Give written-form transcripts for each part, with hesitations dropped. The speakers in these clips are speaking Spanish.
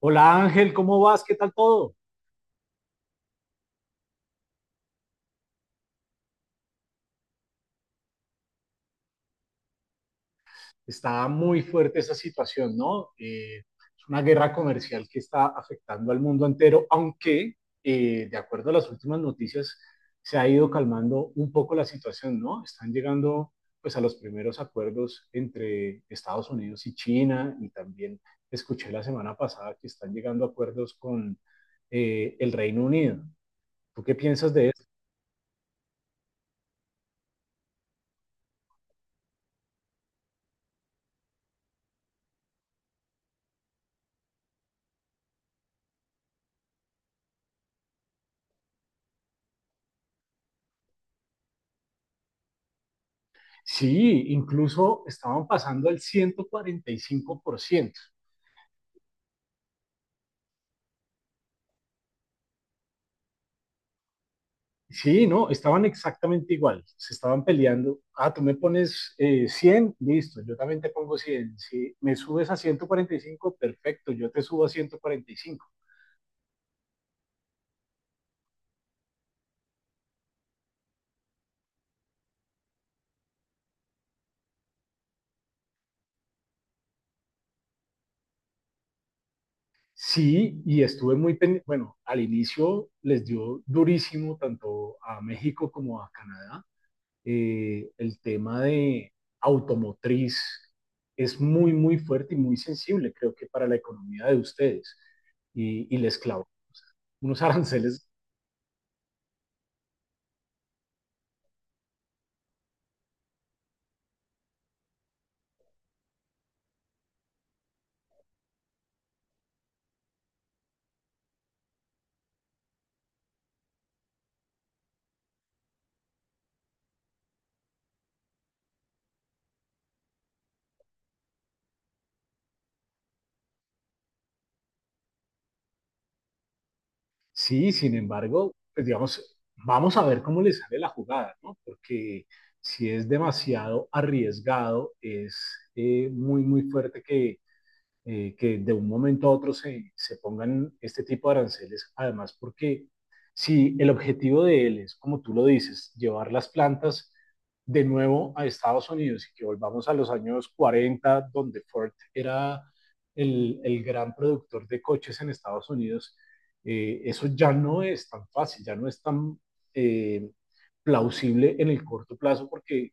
Hola Ángel, ¿cómo vas? ¿Qué tal todo? Está muy fuerte esa situación, ¿no? Es una guerra comercial que está afectando al mundo entero, aunque de acuerdo a las últimas noticias se ha ido calmando un poco la situación, ¿no? Están llegando pues a los primeros acuerdos entre Estados Unidos y China, y también escuché la semana pasada que están llegando acuerdos con el Reino Unido. ¿Tú qué piensas de eso? Sí, incluso estaban pasando al 145%. Sí, no, estaban exactamente igual, se estaban peleando. Ah, tú me pones 100, listo, yo también te pongo 100. Si me subes a 145, perfecto, yo te subo a 145. Sí, y estuve muy pendiente, bueno, al inicio les dio durísimo tanto a México como a Canadá, el tema de automotriz es muy, muy fuerte y muy sensible, creo que para la economía de ustedes. Y les clavó unos aranceles. Sí, sin embargo, pues digamos, vamos a ver cómo les sale la jugada, ¿no? Porque si es demasiado arriesgado, es muy, muy fuerte que de un momento a otro se pongan este tipo de aranceles, además porque si el objetivo de él es, como tú lo dices, llevar las plantas de nuevo a Estados Unidos y que volvamos a los años 40, donde Ford era el gran productor de coches en Estados Unidos, eso ya no es tan fácil, ya no es tan eh, plausible en el corto plazo, porque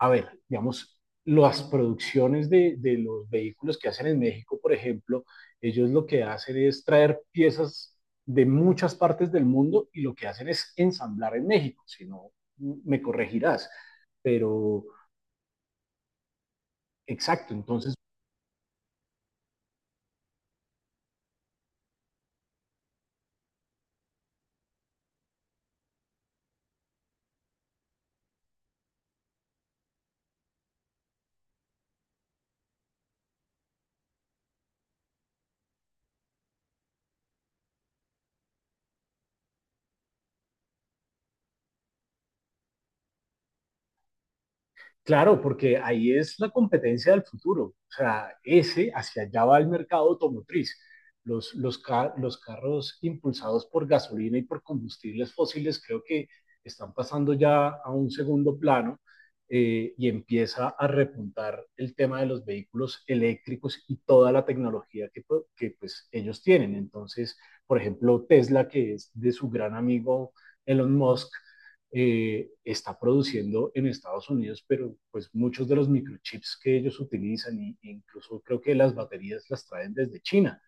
a ver, digamos, las producciones los vehículos que hacen en México, por ejemplo, ellos lo que hacen es traer piezas de muchas partes del mundo, y lo que hacen es ensamblar en México, si no, me corregirás. Pero, exacto, entonces claro, porque ahí es la competencia del futuro. O sea, ese, hacia allá va el mercado automotriz. Los carros impulsados por gasolina y por combustibles fósiles creo que están pasando ya a un segundo plano, y empieza a repuntar el tema de los vehículos eléctricos y toda la tecnología que, que pues, ellos tienen. Entonces, por ejemplo, Tesla, que es de su gran amigo Elon Musk, está produciendo en Estados Unidos, pero pues muchos de los microchips que ellos utilizan, e incluso creo que las baterías las traen desde China,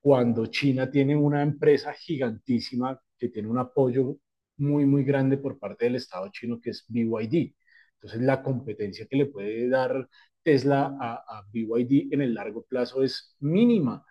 cuando China tiene una empresa gigantísima que tiene un apoyo muy, muy grande por parte del Estado chino, que es BYD. Entonces, la competencia que le puede dar Tesla a BYD en el largo plazo es mínima.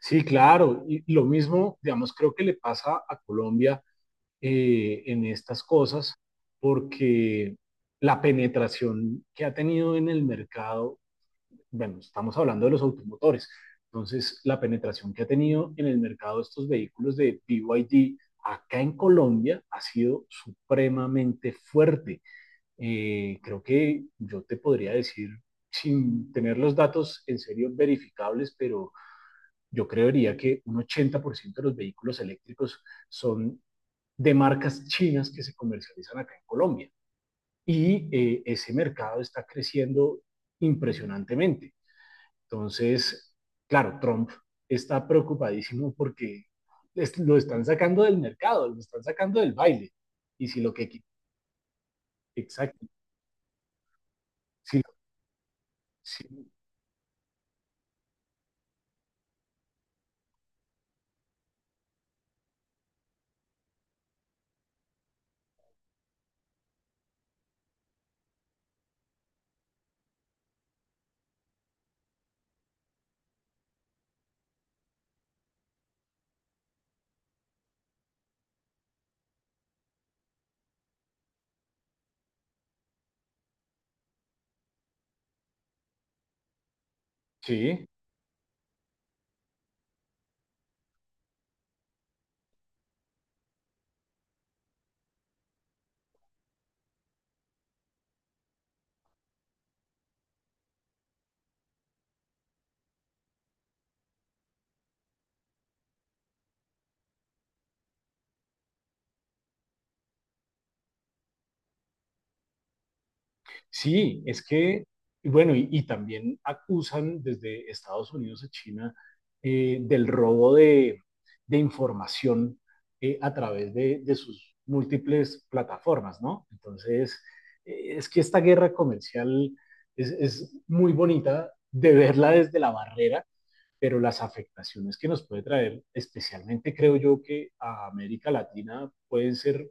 Sí, claro. Y lo mismo, digamos, creo que le pasa a Colombia en estas cosas, porque la penetración que ha tenido en el mercado, bueno, estamos hablando de los automotores, entonces la penetración que ha tenido en el mercado estos vehículos de BYD acá en Colombia ha sido supremamente fuerte. Creo que yo te podría decir, sin tener los datos en serio verificables, pero yo creería que un 80% de los vehículos eléctricos son de marcas chinas que se comercializan acá en Colombia. Y ese mercado está creciendo impresionantemente. Entonces, claro, Trump está preocupadísimo porque es, lo están sacando del mercado, lo están sacando del baile. Y si lo que... Exacto. Si, si, sí, sí, es que, y bueno, y también acusan desde Estados Unidos a China del robo de información a través de sus múltiples plataformas, ¿no? Entonces, es que esta guerra comercial es muy bonita de verla desde la barrera, pero las afectaciones que nos puede traer, especialmente creo yo que a América Latina, pueden ser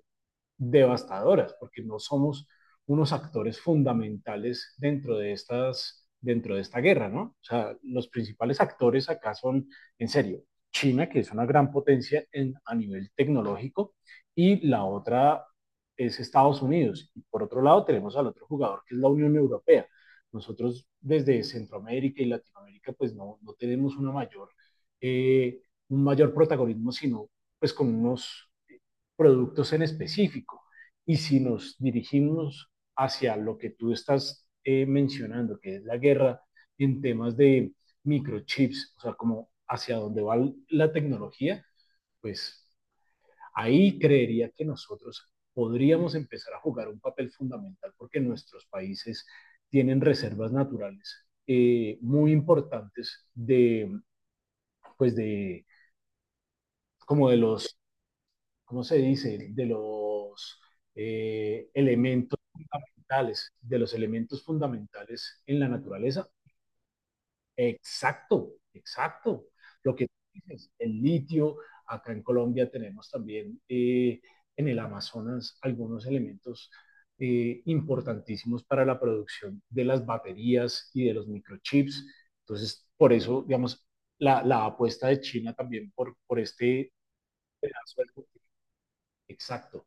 devastadoras, porque no somos unos actores fundamentales dentro de estas dentro de esta guerra, ¿no? O sea, los principales actores acá son, en serio, China, que es una gran potencia en, a nivel tecnológico, y la otra es Estados Unidos. Y por otro lado tenemos al otro jugador, que es la Unión Europea. Nosotros desde Centroamérica y Latinoamérica, pues no, no tenemos una mayor, eh, un mayor protagonismo, sino pues con unos productos en específico. Y si nos dirigimos hacia lo que tú estás mencionando, que es la guerra en temas de microchips, o sea, como hacia dónde va la tecnología, pues ahí creería que nosotros podríamos empezar a jugar un papel fundamental, porque nuestros países tienen reservas naturales muy importantes de, pues de, como de los ¿cómo se dice?, de los elementos fundamentales, de los elementos fundamentales en la naturaleza. Exacto, exacto. Lo que dices, el litio, acá en Colombia tenemos también en el Amazonas algunos elementos importantísimos para la producción de las baterías y de los microchips. Entonces, por eso, digamos, la apuesta de China también por este pedazo del... Exacto.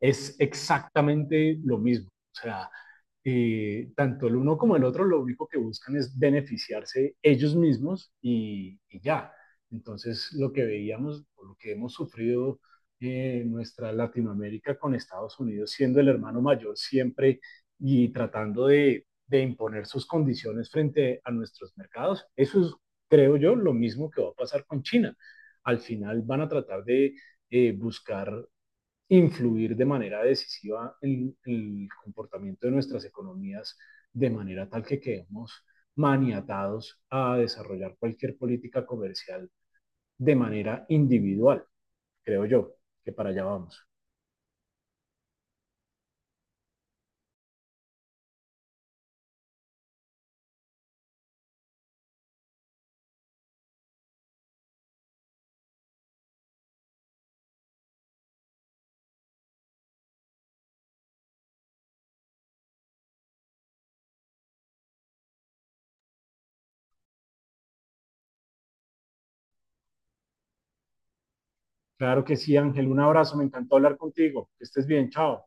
Es exactamente lo mismo. O sea, tanto el uno como el otro lo único que buscan es beneficiarse ellos mismos, y ya. Entonces, lo que veíamos o lo que hemos sufrido en nuestra Latinoamérica con Estados Unidos, siendo el hermano mayor siempre y tratando de imponer sus condiciones frente a nuestros mercados, eso es, creo yo, lo mismo que va a pasar con China. Al final van a tratar de buscar influir de manera decisiva en el comportamiento de nuestras economías de manera tal que quedemos maniatados a desarrollar cualquier política comercial de manera individual, creo yo, que para allá vamos. Claro que sí, Ángel, un abrazo, me encantó hablar contigo, que estés bien, chao.